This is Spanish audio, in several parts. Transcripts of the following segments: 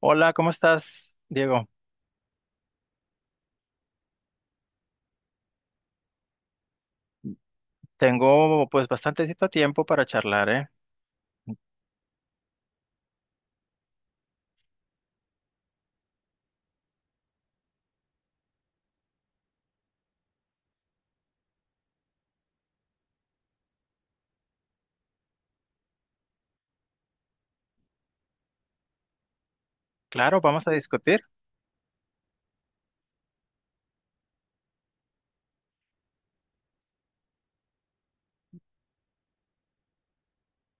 Hola, ¿cómo estás, Diego? Tengo pues bastantecito tiempo para charlar, ¿eh? Claro, vamos a discutir.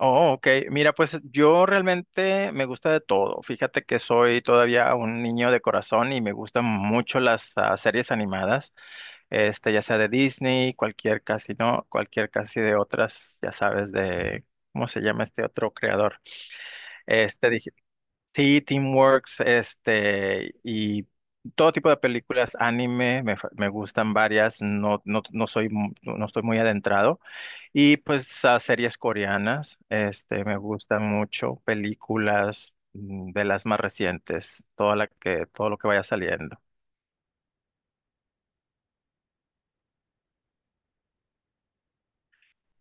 Oh, ok. Mira, pues yo realmente me gusta de todo. Fíjate que soy todavía un niño de corazón y me gustan mucho las series animadas, ya sea de Disney, cualquier casi, ¿no? Cualquier casi de otras, ya sabes, de, ¿cómo se llama este otro creador? Dije, sí, Teamworks, y todo tipo de películas, anime, me gustan varias, no, no, no soy, no estoy muy adentrado y pues a series coreanas, me gustan mucho, películas de las más recientes, todo lo que vaya saliendo.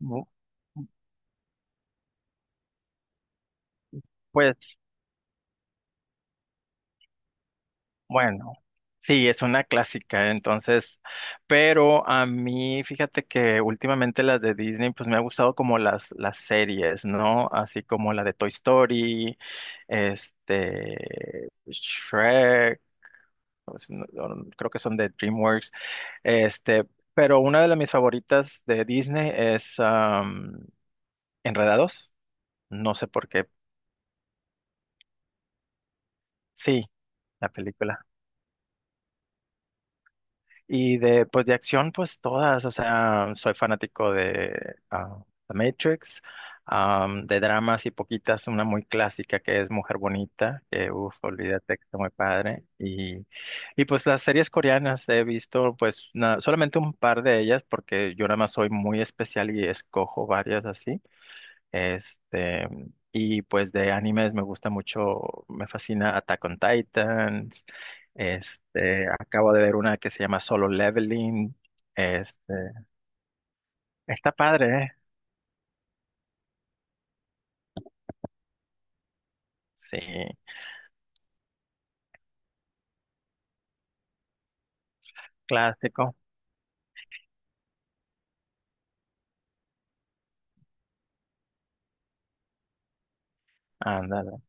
Bu- Pues bueno, sí, es una clásica, entonces, pero a mí, fíjate que últimamente las de Disney, pues me ha gustado como las series, ¿no? Así como la de Toy Story, Shrek, pues, creo que son de DreamWorks. Este, pero una de las mis favoritas de Disney es Enredados. No sé por qué. Sí, la película. Y de, pues de acción, pues todas. O sea, soy fanático de ah, The Matrix, de dramas y poquitas. Una muy clásica que es Mujer Bonita, que uff, olvídate que está muy padre. Y pues las series coreanas he visto, pues solamente un par de ellas, porque yo nada más soy muy especial y escojo varias así. Este, y pues de animes me gusta mucho, me fascina Attack on Titans. Acabo de ver una que se llama Solo Leveling. Este, está padre, ¿eh? Sí, clásico. Ándale.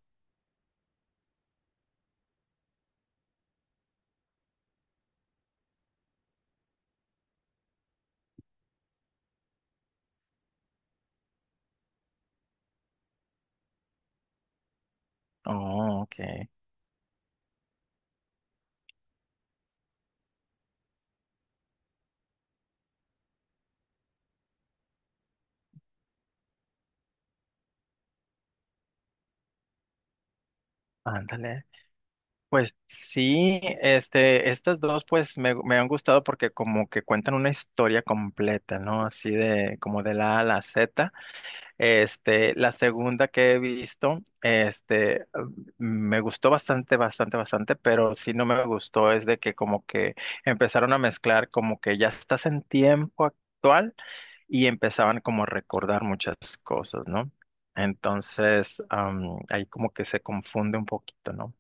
Oh, ok. Ándale. Pues sí, estas dos pues me han gustado porque como que cuentan una historia completa, ¿no? Así de como de la A a la Z. La segunda que he visto, me gustó bastante, bastante, bastante, pero sí no me gustó es de que como que empezaron a mezclar como que ya estás en tiempo actual y empezaban como a recordar muchas cosas, ¿no? Entonces, ahí como que se confunde un poquito, ¿no?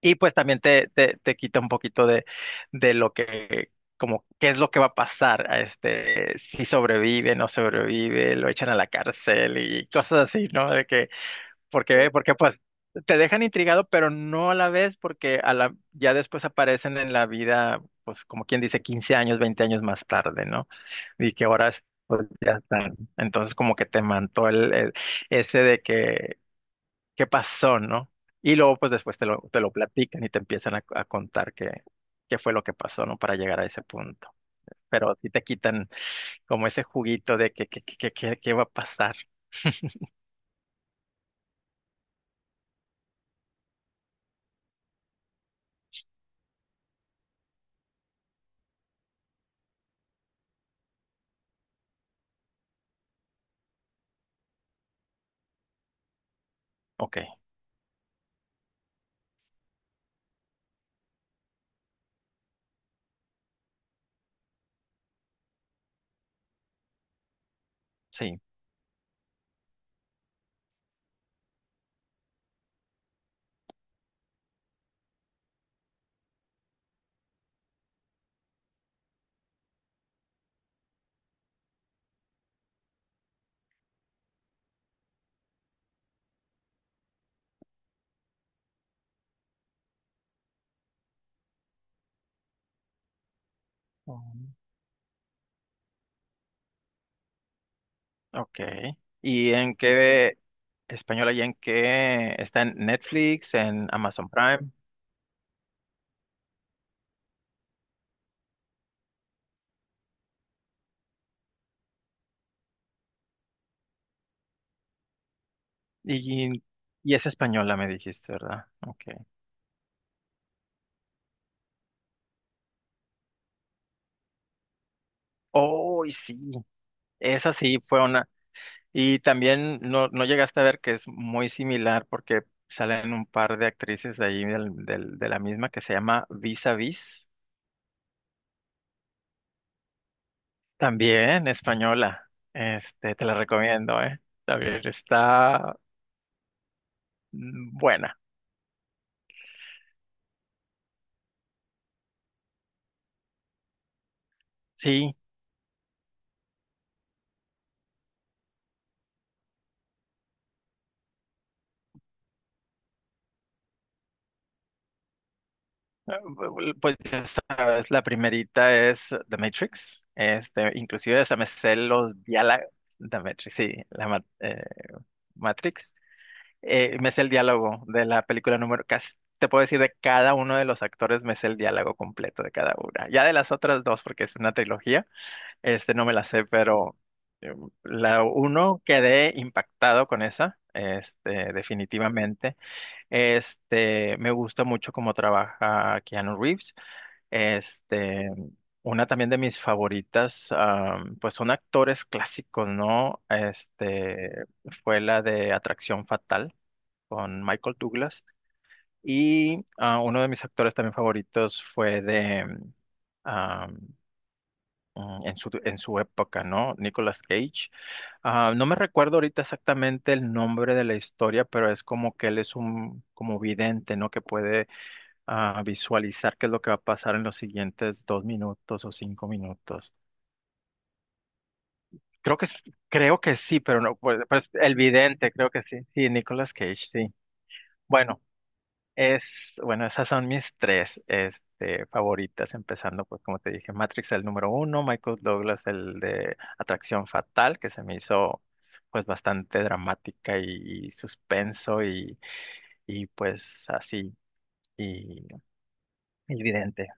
Y pues también te quita un poquito de lo que, como, qué es lo que va a pasar, a este, si sobrevive, no sobrevive, lo echan a la cárcel y cosas así, ¿no? De que, porque pues te dejan intrigado, pero no a la vez, porque a la, ya después aparecen en la vida, pues como quien dice, 15 años, 20 años más tarde, ¿no? Y que ahora es, pues ya están. Entonces como que te mantó ese de que qué pasó, ¿no? Y luego, pues después te lo platican y te empiezan a contar qué, qué fue lo que pasó, ¿no? Para llegar a ese punto. Pero sí te quitan como ese juguito de que, qué va a pasar. Ok, sí. Mm. Ok. ¿Y en qué española y en qué está en Netflix, en Amazon Prime? Y, y es española, me dijiste, ¿verdad? Ok. Oh, sí. Esa sí fue. Y también no, no llegaste a ver que es muy similar porque salen un par de actrices de ahí de la misma que se llama Vis a Vis, también española. Te la recomiendo, ¿eh? También está buena. Sí, pues ya sabes, la primerita es The Matrix. Inclusive hasta me sé los diálogos. The Matrix, sí, Matrix. Me sé el diálogo de la película número, casi te puedo decir de cada uno de los actores, me sé el diálogo completo de cada una. Ya de las otras dos, porque es una trilogía, este no me la sé, pero eh, la uno quedé impactado con esa, este, definitivamente. Me gusta mucho cómo trabaja Keanu Reeves. Este, una también de mis favoritas, pues son actores clásicos, ¿no? Fue la de Atracción Fatal con Michael Douglas. Y uno de mis actores también favoritos fue de, ah, en en su época, ¿no? Nicolas Cage. Ah, no me recuerdo ahorita exactamente el nombre de la historia, pero es como que él es un como vidente, ¿no? Que puede visualizar qué es lo que va a pasar en los siguientes dos minutos o cinco minutos. Creo que, es- creo que sí, pero no, pues, pues, el vidente, creo que sí. Sí, Nicolas Cage, sí. Bueno. Es, bueno, esas son mis tres, favoritas, empezando, pues, como te dije, Matrix el número uno, Michael Douglas el de Atracción Fatal, que se me hizo, pues, bastante dramática y suspenso y, pues, así, y y evidente.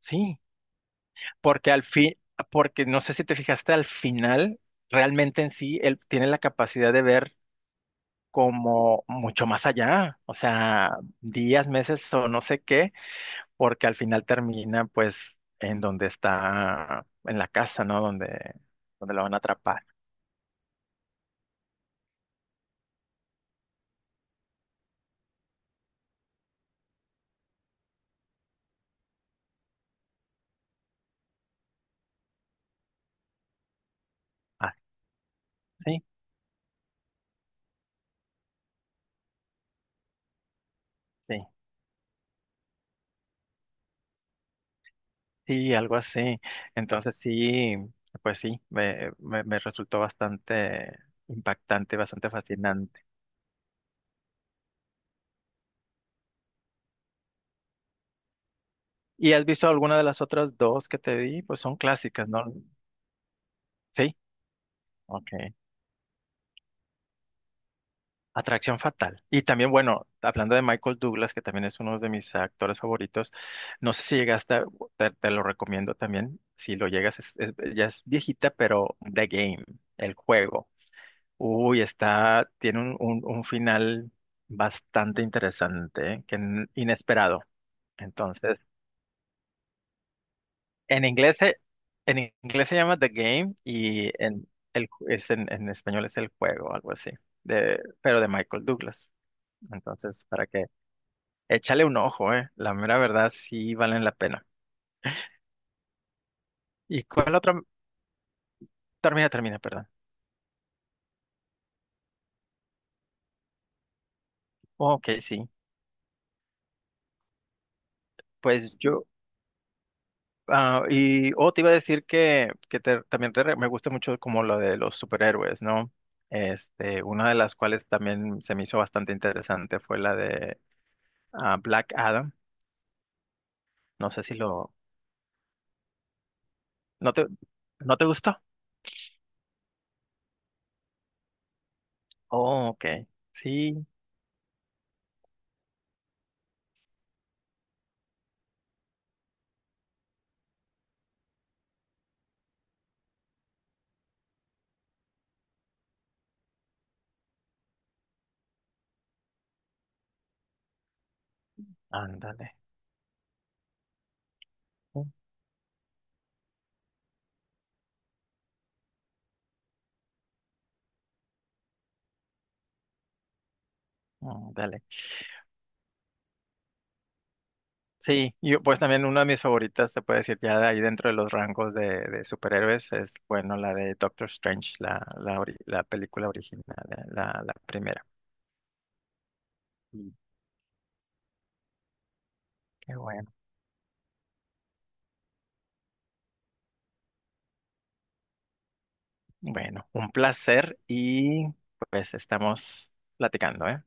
Sí, porque al fin, porque no sé si te fijaste, al final, realmente en sí, él tiene la capacidad de ver como mucho más allá, o sea, días, meses o no sé qué porque al final termina pues en donde está, en la casa, ¿no? Donde, donde lo van a atrapar. Ah, sí, sí, sí, algo así. Entonces sí, pues sí, me resultó bastante impactante, bastante fascinante. ¿Y has visto alguna de las otras dos que te di? Pues son clásicas, ¿no? Sí, ok. Atracción Fatal. Y también, bueno, hablando de Michael Douglas, que también es uno de mis actores favoritos, no sé si llegaste, te lo recomiendo también, si lo llegas, ya es viejita, pero The Game, el juego. Uy, está, tiene un final bastante interesante, ¿eh? Inesperado. Entonces, en inglés, se- en inglés se llama The Game y en, es en español es el juego, algo así, de, pero de Michael Douglas. Entonces, para que échale un ojo, eh. La mera verdad sí valen la pena. ¿Y cuál otra? Termina, termina, perdón. Ok, sí. Pues yo, oh, te iba a decir que te- también te re- me gusta mucho como lo de los superhéroes, ¿no? Una de las cuales también se me hizo bastante interesante fue la de Black Adam. No sé si lo, ¿no te, ¿no te gustó? Oh, ok. Sí, ándale. Mm, Ándale. Sí, yo pues también una de mis favoritas, se puede decir, ya de ahí dentro de los rangos de superhéroes, es, bueno, la de Doctor Strange, la película original, la la primera. Mm. Qué bueno. Bueno, un placer y pues estamos platicando, ¿eh?